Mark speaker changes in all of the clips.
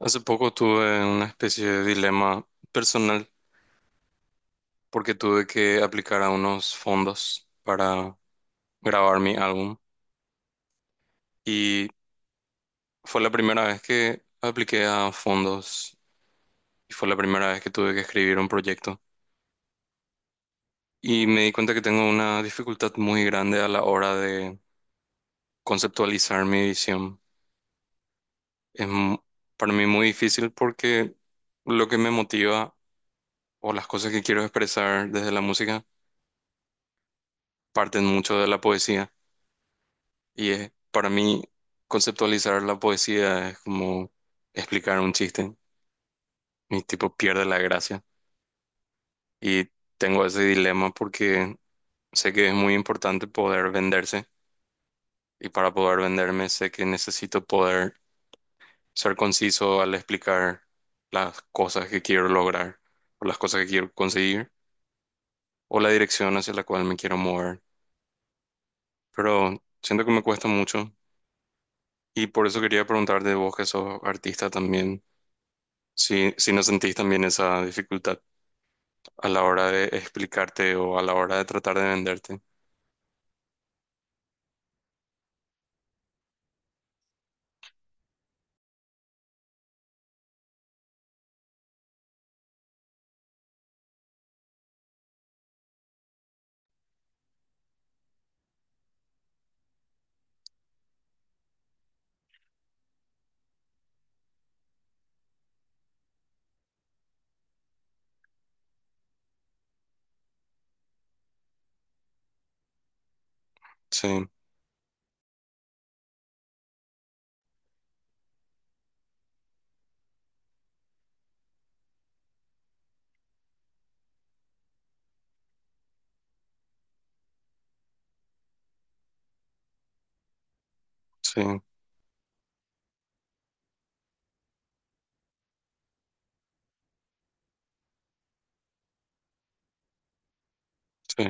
Speaker 1: Hace poco tuve una especie de dilema personal porque tuve que aplicar a unos fondos para grabar mi álbum y fue la primera vez que apliqué a fondos y fue la primera vez que tuve que escribir un proyecto y me di cuenta que tengo una dificultad muy grande a la hora de conceptualizar mi visión. Es mu- para mí muy difícil porque lo que me motiva o las cosas que quiero expresar desde la música parten mucho de la poesía. Y es, para mí, conceptualizar la poesía es como explicar un chiste. Mi tipo pierde la gracia. Y tengo ese dilema porque sé que es muy importante poder venderse. Y para poder venderme, sé que necesito poder ser conciso al explicar las cosas que quiero lograr, o las cosas que quiero conseguir, o la dirección hacia la cual me quiero mover. Pero siento que me cuesta mucho. Y por eso quería preguntarte, vos que sos artista también. Sí, sí no sentís también esa dificultad a la hora de explicarte o a la hora de tratar de venderte. Sí, sí, sí.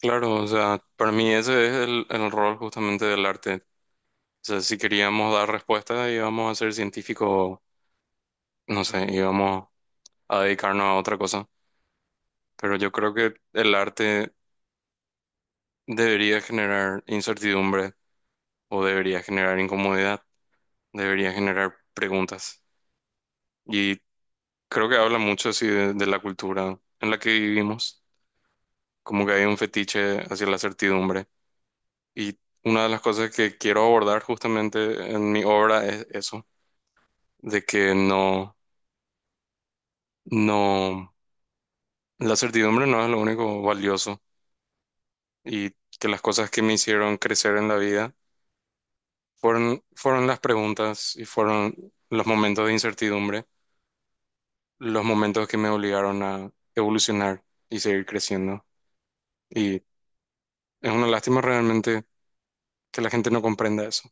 Speaker 1: Claro, o sea, para mí ese es el rol justamente del arte. O sea, si queríamos dar respuesta, íbamos a ser científicos, no sé, íbamos a dedicarnos a otra cosa. Pero yo creo que el arte debería generar incertidumbre o debería generar incomodidad, debería generar preguntas. Y creo que habla mucho así de la cultura en la que vivimos, como que hay un fetiche hacia la certidumbre. Y una de las cosas que quiero abordar justamente en mi obra es eso, de que no, no, la certidumbre no es lo único valioso y que las cosas que me hicieron crecer en la vida fueron las preguntas y fueron los momentos de incertidumbre, los momentos que me obligaron a evolucionar y seguir creciendo. Y es una lástima realmente que la gente no comprenda eso.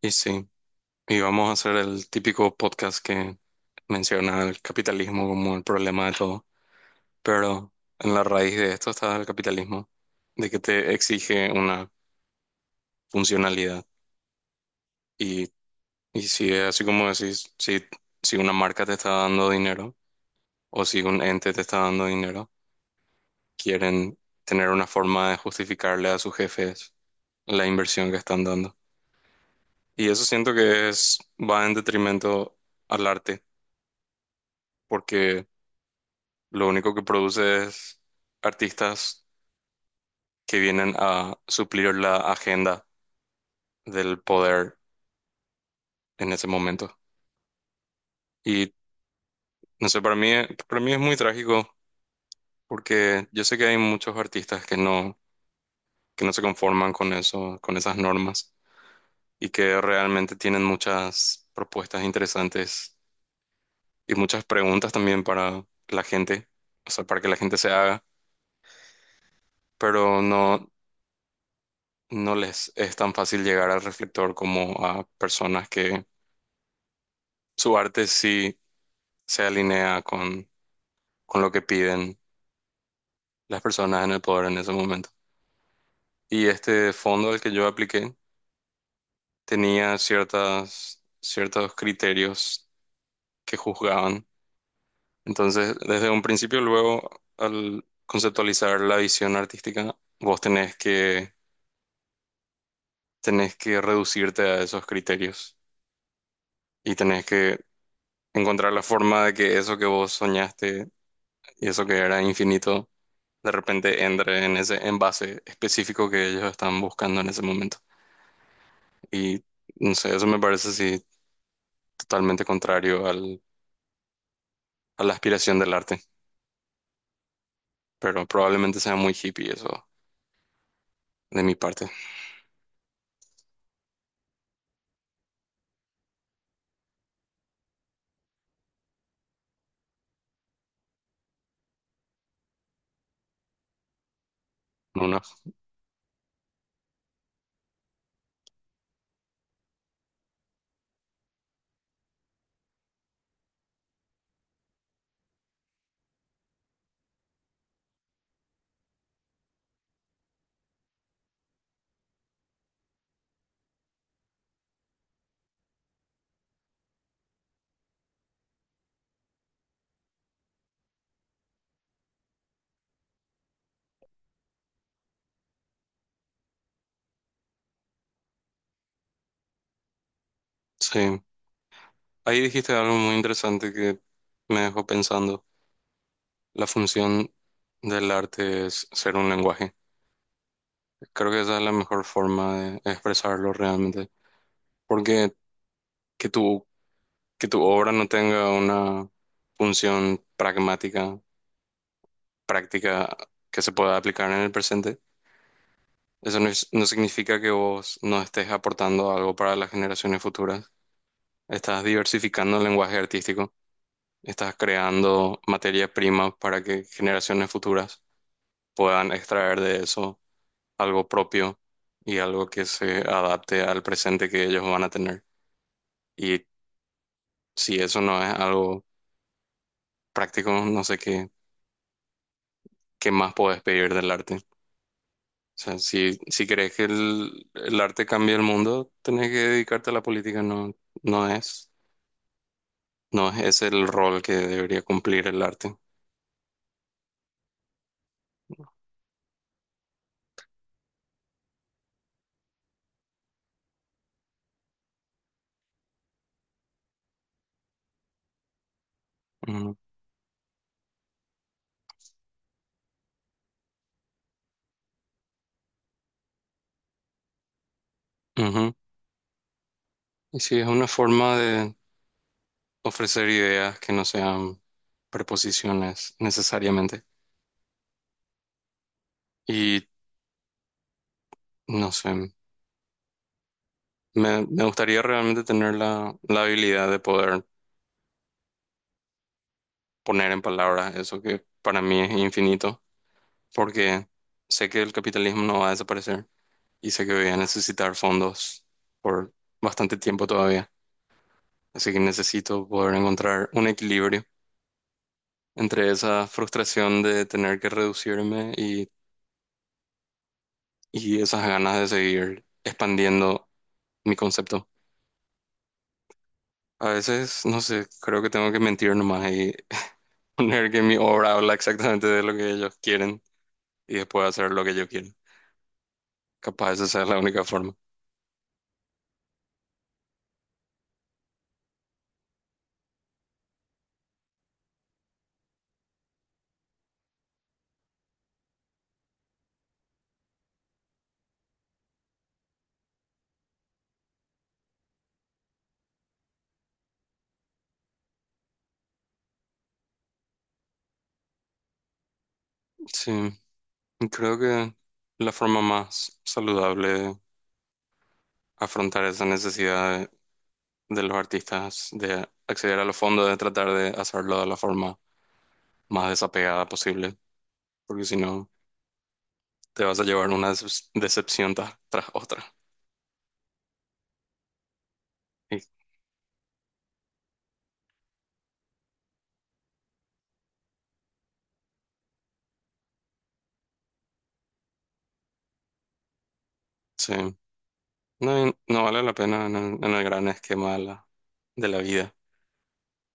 Speaker 1: Y sí. Y vamos a hacer el típico podcast que menciona el capitalismo como el problema de todo. Pero en la raíz de esto está el capitalismo, de que te exige una funcionalidad. Y, y si es así como decís, si, si una marca te está dando dinero o si un ente te está dando dinero, quieren tener una forma de justificarle a sus jefes la inversión que están dando. Y eso siento que es, va en detrimento al arte, porque lo único que produce es artistas que vienen a suplir la agenda del poder en ese momento. Y no sé, para mí es muy trágico porque yo sé que hay muchos artistas que no se conforman con eso, con esas normas y que realmente tienen muchas propuestas interesantes y muchas preguntas también para la gente, o sea, para que la gente se haga, pero no, no les es tan fácil llegar al reflector como a personas que su arte sí se alinea con lo que piden las personas en el poder en ese momento. Y este fondo al que yo apliqué tenía ciertas, ciertos criterios que juzgaban. Entonces, desde un principio, luego, al conceptualizar la visión artística, vos tenés que reducirte a esos criterios y tenés que encontrar la forma de que eso que vos soñaste y eso que era infinito de repente entre en ese envase específico que ellos están buscando en ese momento. Y no sé, eso me parece así totalmente contrario al, a la aspiración del arte, pero probablemente sea muy hippie eso de mi parte. No, no. Sí, ahí dijiste algo muy interesante que me dejó pensando. La función del arte es ser un lenguaje. Creo que esa es la mejor forma de expresarlo realmente, porque que tu, que tu obra no tenga una función pragmática práctica que se pueda aplicar en el presente. Eso no, es- No significa que vos no estés aportando algo para las generaciones futuras. Estás diversificando el lenguaje artístico, estás creando materia prima para que generaciones futuras puedan extraer de eso algo propio y algo que se adapte al presente que ellos van a tener. Y si eso no es algo práctico, no sé qué, qué más podés pedir del arte. O sea, si, si crees que el arte cambia el mundo, tenés que dedicarte a la política. No, no es, no es ese el rol que debería cumplir el arte. Ujú. Ujú. Y sí, es una forma de ofrecer ideas que no sean preposiciones necesariamente. Y no sé, me gustaría realmente tener la habilidad de poder poner en palabras eso que para mí es infinito, porque sé que el capitalismo no va a desaparecer. Y sé que voy a necesitar fondos por bastante tiempo todavía. Así que necesito poder encontrar un equilibrio entre esa frustración de tener que reducirme y esas ganas de seguir expandiendo mi concepto. A veces, no sé, creo que tengo que mentir nomás y poner que mi obra habla exactamente de lo que ellos quieren y después hacer lo que yo quiero. Capaz esa es la única forma. Sí, creo que la forma más saludable de afrontar esa necesidad de los artistas de acceder a los fondos, de tratar de hacerlo de la forma más desapegada posible, porque si no, te vas a llevar una decepción tras otra. Y, sí, no, y no vale la pena en el gran esquema de de la vida,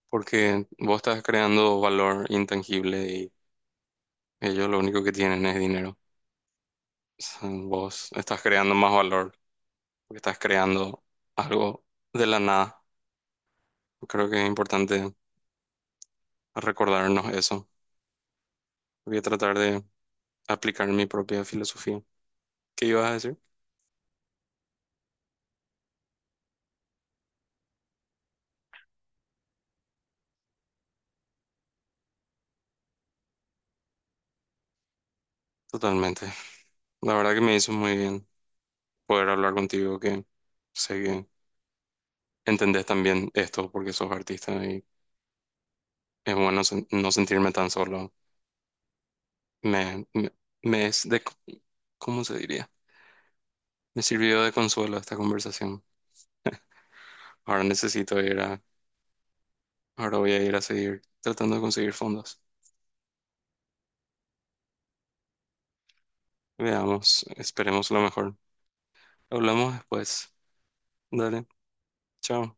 Speaker 1: porque vos estás creando valor intangible y ellos lo único que tienen es dinero. O sea, vos estás creando más valor, porque estás creando algo de la nada. Creo que es importante recordarnos eso. Voy a tratar de aplicar mi propia filosofía. ¿Qué ibas a decir? Totalmente. La verdad que me hizo muy bien poder hablar contigo, que sé que entendés también esto porque sos artista y es bueno no sentirme tan solo. Me, me, me es de, ¿cómo se diría? Me sirvió de consuelo esta conversación. Ahora necesito ir a, Ahora voy a ir a seguir tratando de conseguir fondos. Veamos, esperemos lo mejor. Hablamos después. Dale, chao.